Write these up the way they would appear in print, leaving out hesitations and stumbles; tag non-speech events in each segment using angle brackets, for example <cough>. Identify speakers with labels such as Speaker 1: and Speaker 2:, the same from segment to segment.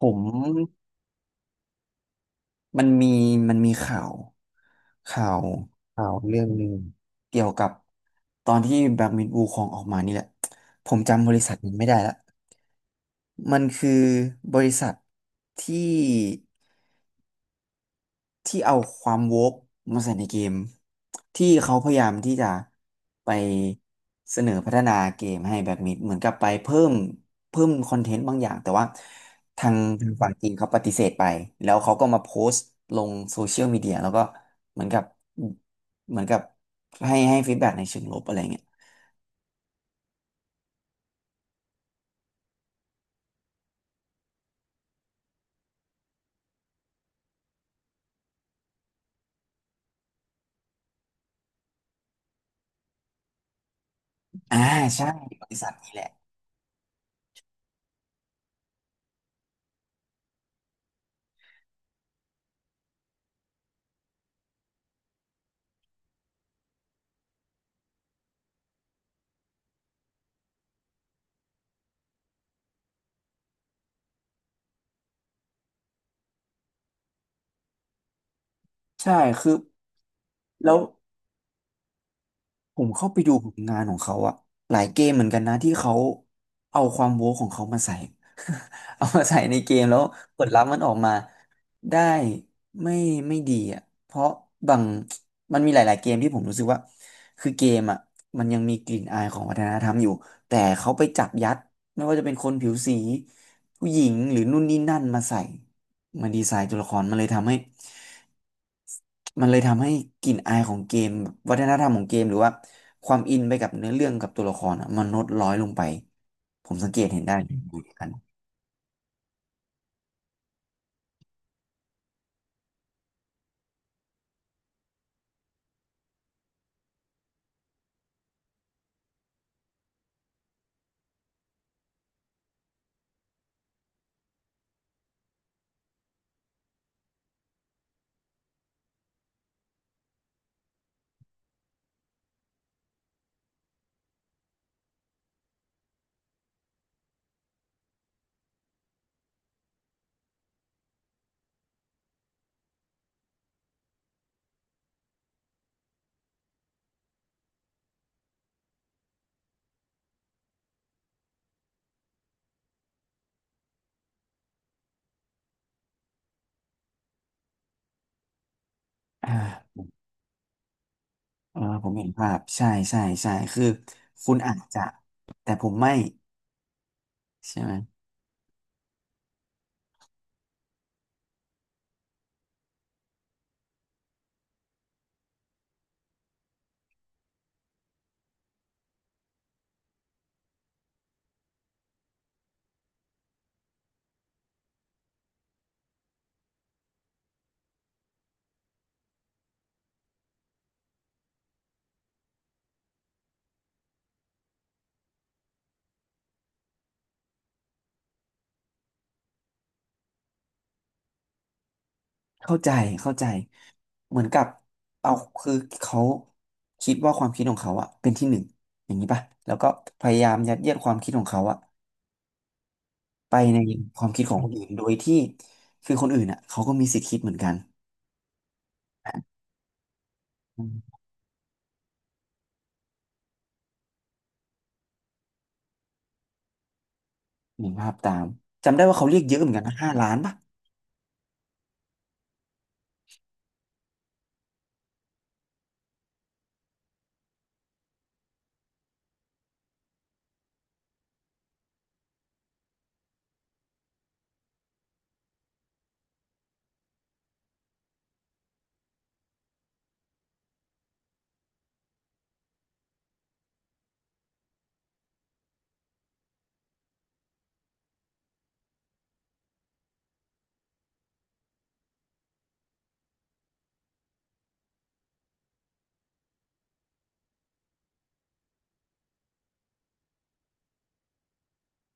Speaker 1: ผมมันมีมันมีข่าวข่าวเรื่องหนึ่งเกี่ยวกับตอนที่แบล็กมิดวูคองออกมานี่แหละผมจำบริษัทมันไม่ได้ละมันคือบริษัทที่ ที่เอาความโวกมาใส่ในเกมที่เขาพยายามที่จะไปเสนอพัฒนาเกมให้แบ็กมิดเหมือนกับไปเพิ่มเพิ่มคอนเทนต์บางอย่างแต่ว่าทางทางฝั่งจีนเขาปฏิเสธไปแล้วเขาก็มาโพสต์ลงโซเชียลมีเดียแล้วก็เหมือนกับเหมือนกับให้ฟีดแบ็กในเชิงลบอะไรเงี้ยอ่าใช่บริษัทนี้แหละใช่คือแล้วผมเข้าไปดูผลงานของเขาอะหลายเกมเหมือนกันนะที่เขาเอาความโว้ของเขามาใส่ เอามาใส่ในเกมแล้วผลลัพธ์มันออกมาได้ไม่ไม่ดีอ่ะเพราะบางมันมีหลายๆเกมที่ผมรู้สึกว่าคือเกมอ่ะมันยังมีกลิ่นอายของวัฒนธรรมอยู่แต่เขาไปจับยัดไม่ว่าจะเป็นคนผิวสีผู้หญิงหรือนู่นนี่นั่นมาใส่มาดีไซน์ตัวละครมันเลยทำให้กลิ่นอายของเกมวัฒนธรรมของเกมหรือว่าความอินไปกับเนื้อเรื่องกับตัวละครอ่ะมันลดน้อยลงไปผมสังเกตเห็นได้เหมือนกันอ่า เออผมเห็นภาพใช่ใช่ใช่คือคุณอาจจะแต่ผมไม่ใช่ไหมเข้าใจเข้าใจเหมือนกับเอาคือเขาคิดว่าความคิดของเขาอะเป็นที่หนึ่งอย่างนี้ป่ะแล้วก็พยายามยัดเยียดความคิดของเขาอะไปในความคิดของคนอื่นโดยที่คือคนอื่นอะเขาก็มีสิทธิ์คิดเหมือนกันอืมเห็นภาพตามจำได้ว่าเขาเรียกเยอะเหมือนกันนะ5 ล้านป่ะ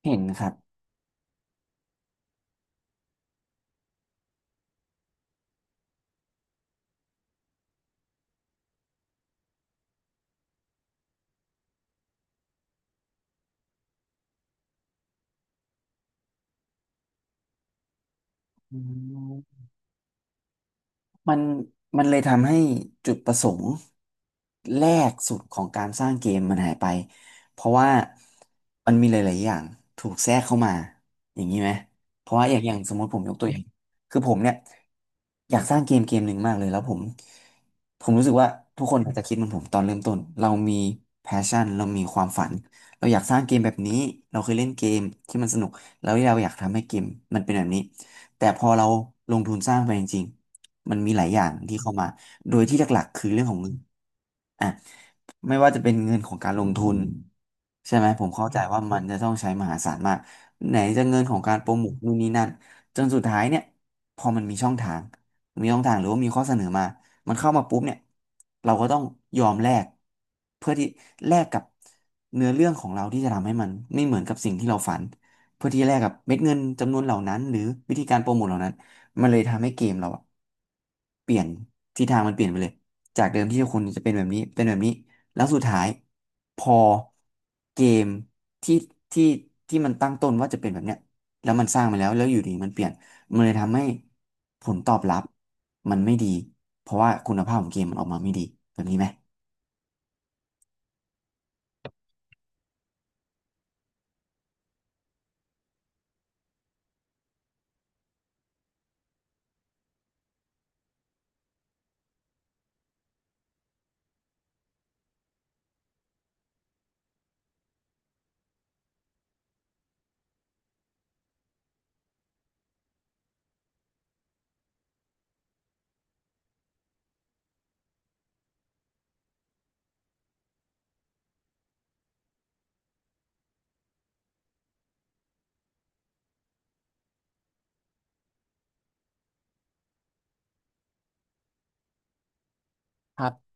Speaker 1: เห็นครับอืม มันมันเลยทำให้จุดประสงค์แรกสุดของการสร้างเกมมันหายไปเพราะว่ามันมีหลายๆอย่างถูกแทรกเข้ามาอย่างนี้ไหมเพราะว่าอย่างสมมติผมยกตัวอย่างคือผมเนี่ยอยากสร้างเกมเกมหนึ่งมากเลยแล้วผมรู้สึกว่าทุกคนอาจจะคิดเหมือนผมตอนเริ่มต้นเรามี passion เรามีความฝันเราอยากสร้างเกมแบบนี้เราเคยเล่นเกมที่มันสนุกแล้วเราอยากทำให้เกมมันเป็นแบบนี้แต่พอเราลงทุนสร้างไปจริงๆ มันมีหลายอย่างที่เข้ามา โดยที่หลักๆคือเรื่องของเงินอ่ะ ไม่ว่าจะเป็นเงินของการลงทุนใช่ไหมผมเข้าใจว่ามันจะต้องใช้มหาศาลมากไหนจะเงินของการโปรโมทนู่นนี่นั่นจนสุดท้ายเนี่ยพอมันมีช่องทางมีช่องทางหรือว่ามีข้อเสนอมามันเข้ามาปุ๊บเนี่ยเราก็ต้องยอมแลกเพื่อที่แลกกับเนื้อเรื่องของเราที่จะทำให้มันไม่เหมือนกับสิ่งที่เราฝันเพื่อที่แลกกับเม็ดเงินจำนวนเหล่านั้นหรือวิธีการโปรโมทเหล่านั้นมันเลยทำให้เกมเราอะเปลี่ยนทิศทางมันเปลี่ยนไปเลยจากเดิมที่คนจะเป็นแบบนี้เป็นแบบนี้ แล้วสุดท้ายพอเกมที่ที่ที่มันตั้งต้นว่าจะเป็นแบบเนี้ยแล้วมันสร้างมาแล้วแล้วอยู่ดีมันเปลี่ยนมันเลยทำให้ผลตอบรับมันไม่ดีเพราะว่าคุณภาพของเกมมันออกมาไม่ดีแบบนี้ไหมครับ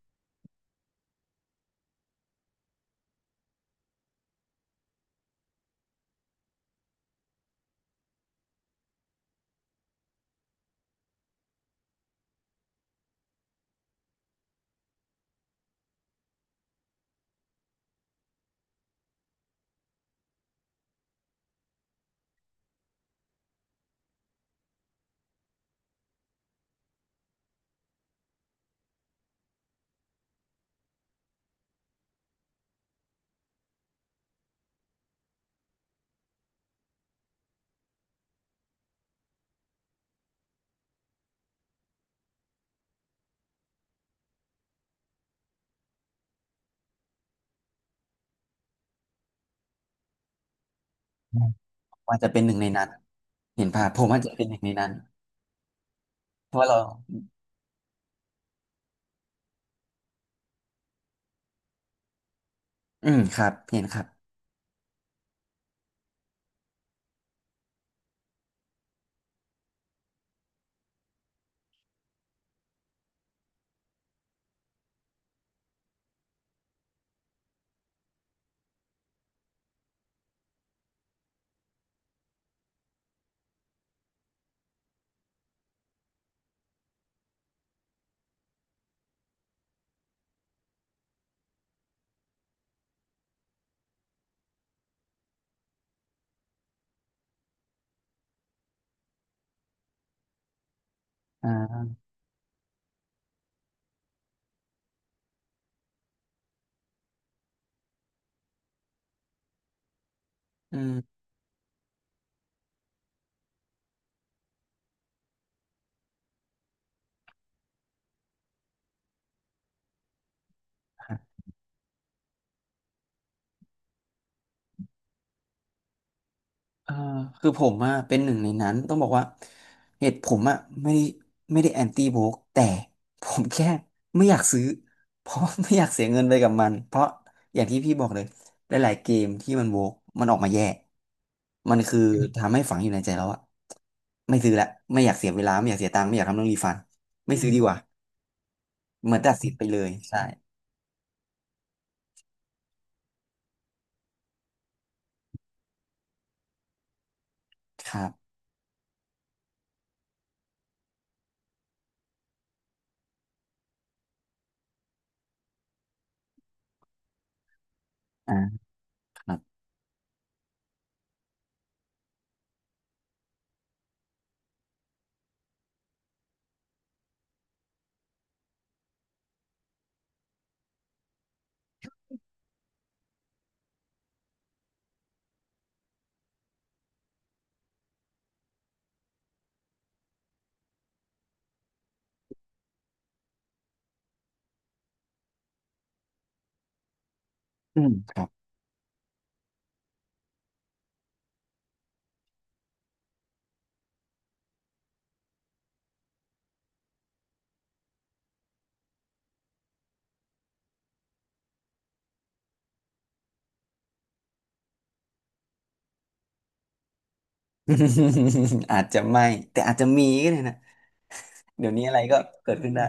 Speaker 1: อืมว่าจจะเป็นหนึ่งในนั้นเห็นภาพผมอาจจะเป็นหนึ่งในนั้นเพราะว่าเราอืมครับเห็นครับอ่าอืม เออคือผมอะเป็นหนึ่งในนั้นต้องบอกว่าเหตุผมอะไม่ได้ไม่ได้แอนตี้โบกแต่ผมแค่ไม่อยากซื้อเพราะว่าไม่อยากเสียเงินไปกับมันเพราะอย่างที่พี่บอกเลยหลายๆเกมที่มันโบกมันออกมาแย่มันคือทำให้ฝังอยู่ในใจแล้วอะไม่ซื้อละไม่อยากเสียเวลาไม่อยากเสียตังค์ไม่อยากทำเรื่องรีฟันไม่ซื้อดีกว่าเหมือนตัดสิทธินไปเลยใช่ครับอ่าครับอืมครับ <laughs> อาจจะไม่แต่อาจจะมีก็ได้นะเดี๋ยวนี้อะไรก็เกิดขึ้นได้